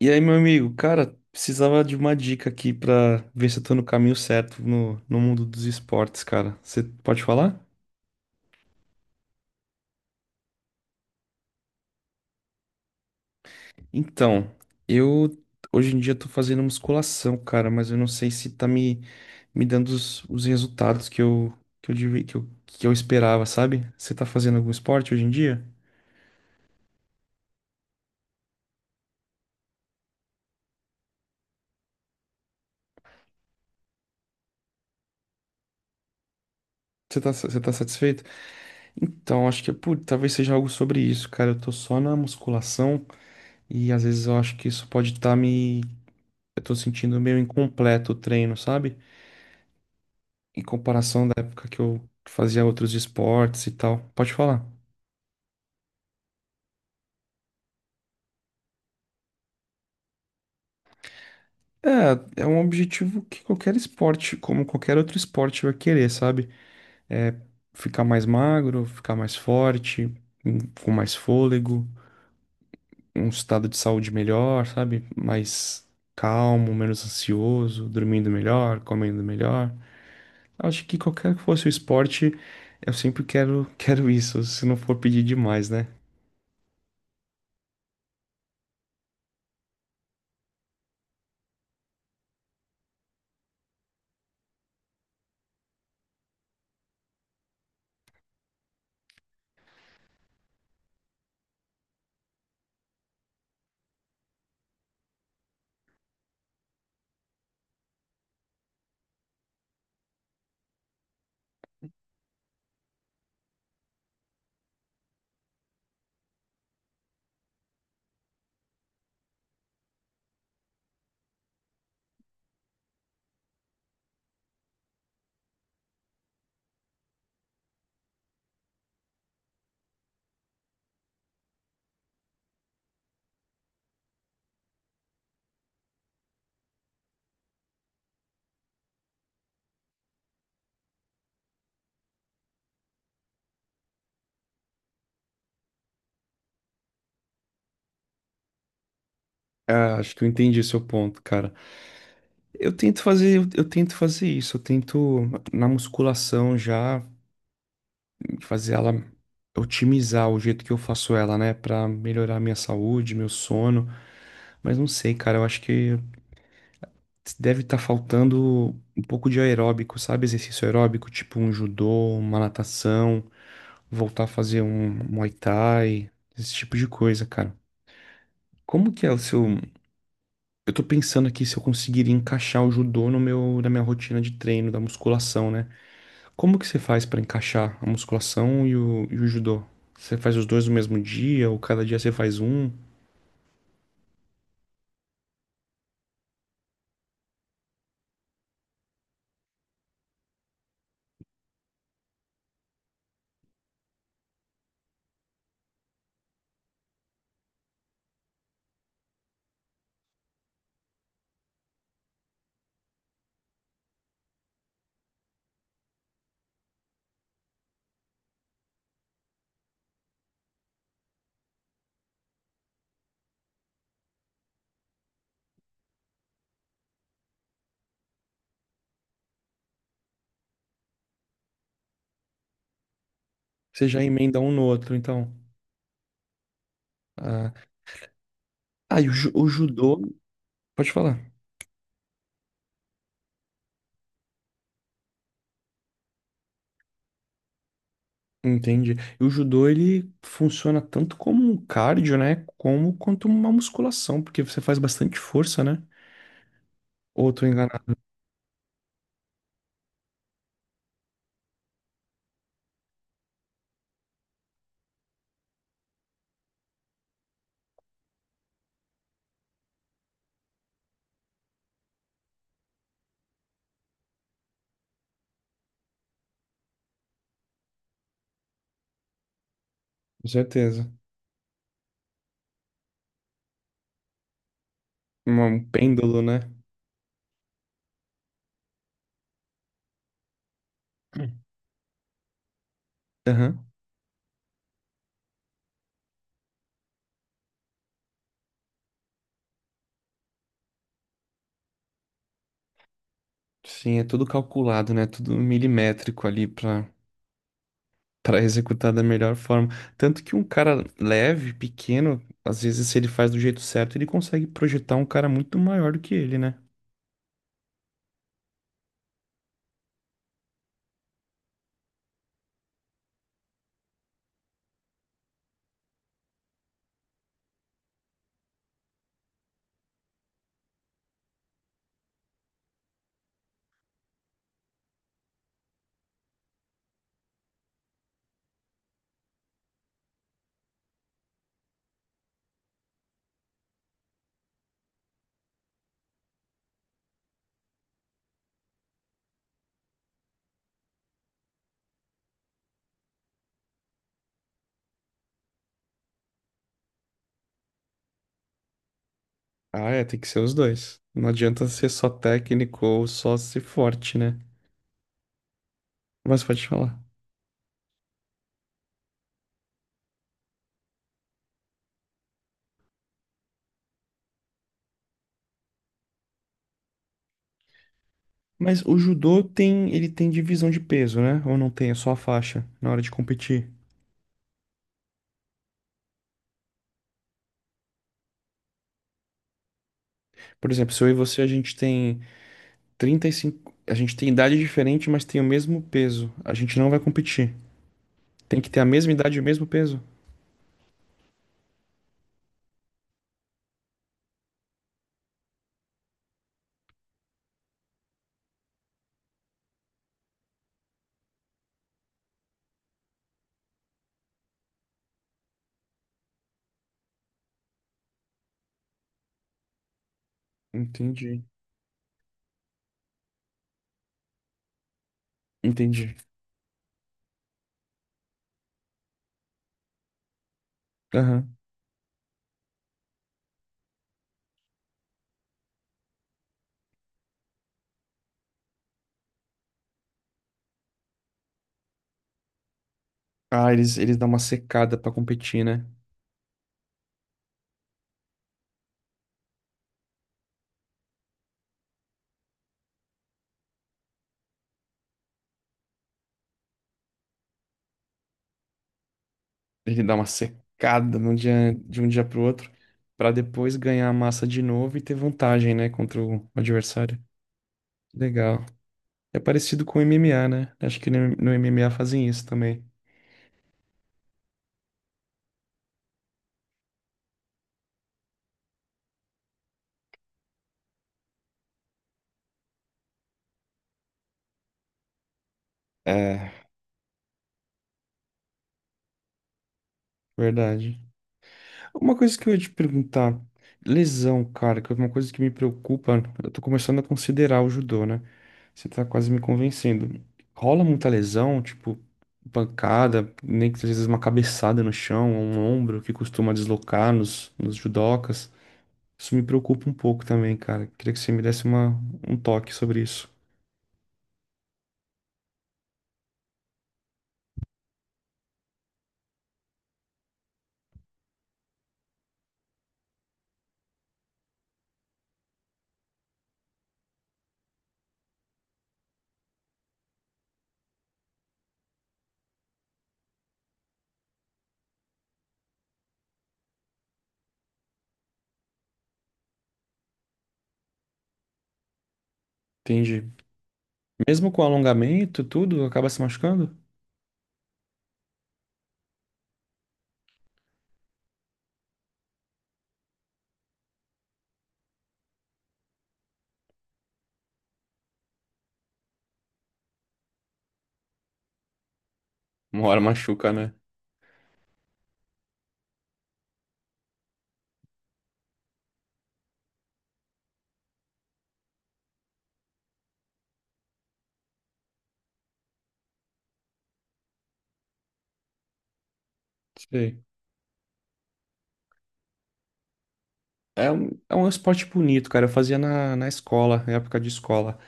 E aí, meu amigo, cara, precisava de uma dica aqui pra ver se eu tô no caminho certo no mundo dos esportes, cara. Você pode falar? Então, eu hoje em dia tô fazendo musculação, cara, mas eu não sei se tá me dando os resultados que eu, devia- que eu esperava, sabe? Você tá fazendo algum esporte hoje em dia? Você tá satisfeito? Então, acho que, putz, talvez seja algo sobre isso, cara. Eu tô só na musculação e às vezes eu acho que isso pode estar me. Eu tô sentindo meio incompleto o treino, sabe? Em comparação da época que eu fazia outros esportes e tal. Pode falar. É um objetivo que qualquer esporte, como qualquer outro esporte, vai querer, sabe? É ficar mais magro, ficar mais forte, hum, com mais fôlego, um estado de saúde melhor, sabe? Mais calmo, menos ansioso, dormindo melhor, comendo melhor. Acho que qualquer que fosse o esporte, eu sempre quero, quero isso, se não for pedir demais, né? Ah, acho que eu entendi seu ponto, cara. Eu tento fazer, eu tento fazer isso, eu tento na musculação já fazer ela otimizar o jeito que eu faço ela, né, pra melhorar a minha saúde, meu sono. Mas não sei, cara, eu acho que deve estar faltando um pouco de aeróbico, sabe? Exercício aeróbico, tipo um judô, uma natação, voltar a fazer um Muay Thai, esse tipo de coisa, cara. Como que é o seu. Eu tô pensando aqui se eu conseguiria encaixar o judô no meu, na minha rotina de treino, da musculação, né? Como que você faz pra encaixar a musculação e o judô? Você faz os dois no mesmo dia, ou cada dia você faz um? Você já emenda um no outro, então. Ah, ah, e o, ju- o judô. Pode falar. Entendi. E o judô, ele funciona tanto como um cardio, né? Como quanto uma musculação, porque você faz bastante força, né? Ou eu tô enganado, com certeza. Um pêndulo, né? Hum. Aham. Sim, é tudo calculado, né? Tudo milimétrico ali pra, para executar da melhor forma. Tanto que um cara leve, pequeno, às vezes se ele faz do jeito certo, ele consegue projetar um cara muito maior do que ele, né? Ah, é, tem que ser os dois. Não adianta ser só técnico ou só ser forte, né? Mas pode falar. Mas o judô tem, ele tem divisão de peso, né? Ou não tem, é só a faixa na hora de competir. Por exemplo, se eu e você, a gente tem 35, a gente tem idade diferente, mas tem o mesmo peso. A gente não vai competir. Tem que ter a mesma idade e o mesmo peso. Entendi. Entendi. Aham. Ah, eles dão uma secada pra competir, né? Ele dá uma secada num dia, de um dia pro outro, pra depois ganhar a massa de novo e ter vantagem, né, contra o adversário. Legal. É parecido com o MMA, né? Acho que no MMA fazem isso também. É, verdade. Uma coisa que eu ia te perguntar, lesão, cara, que é uma coisa que me preocupa, eu tô começando a considerar o judô, né? Você tá quase me convencendo. Rola muita lesão, tipo, pancada, nem que às vezes uma cabeçada no chão, ou um ombro que costuma deslocar nos judocas. Isso me preocupa um pouco também, cara. Queria que você me desse uma, um toque sobre isso. Entendi. Mesmo com alongamento, tudo acaba se machucando? Uma hora machuca, né? Sei. É um esporte bonito, cara. Eu fazia na escola, na época de escola.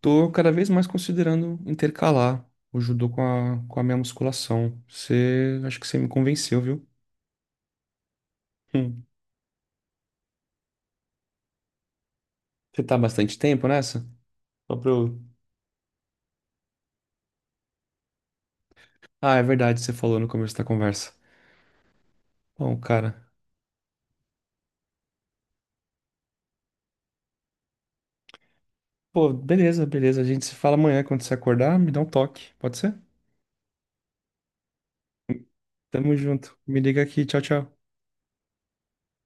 Tô cada vez mais considerando intercalar o judô com a minha musculação. Você, acho que você me convenceu, viu? Hum. Você tá há bastante tempo nessa? Só pra eu... Ah, é verdade, você falou no começo da conversa. Bom, cara. Pô, beleza, beleza. A gente se fala amanhã quando você acordar, me dá um toque. Pode ser? Tamo junto. Me liga aqui. Tchau, tchau.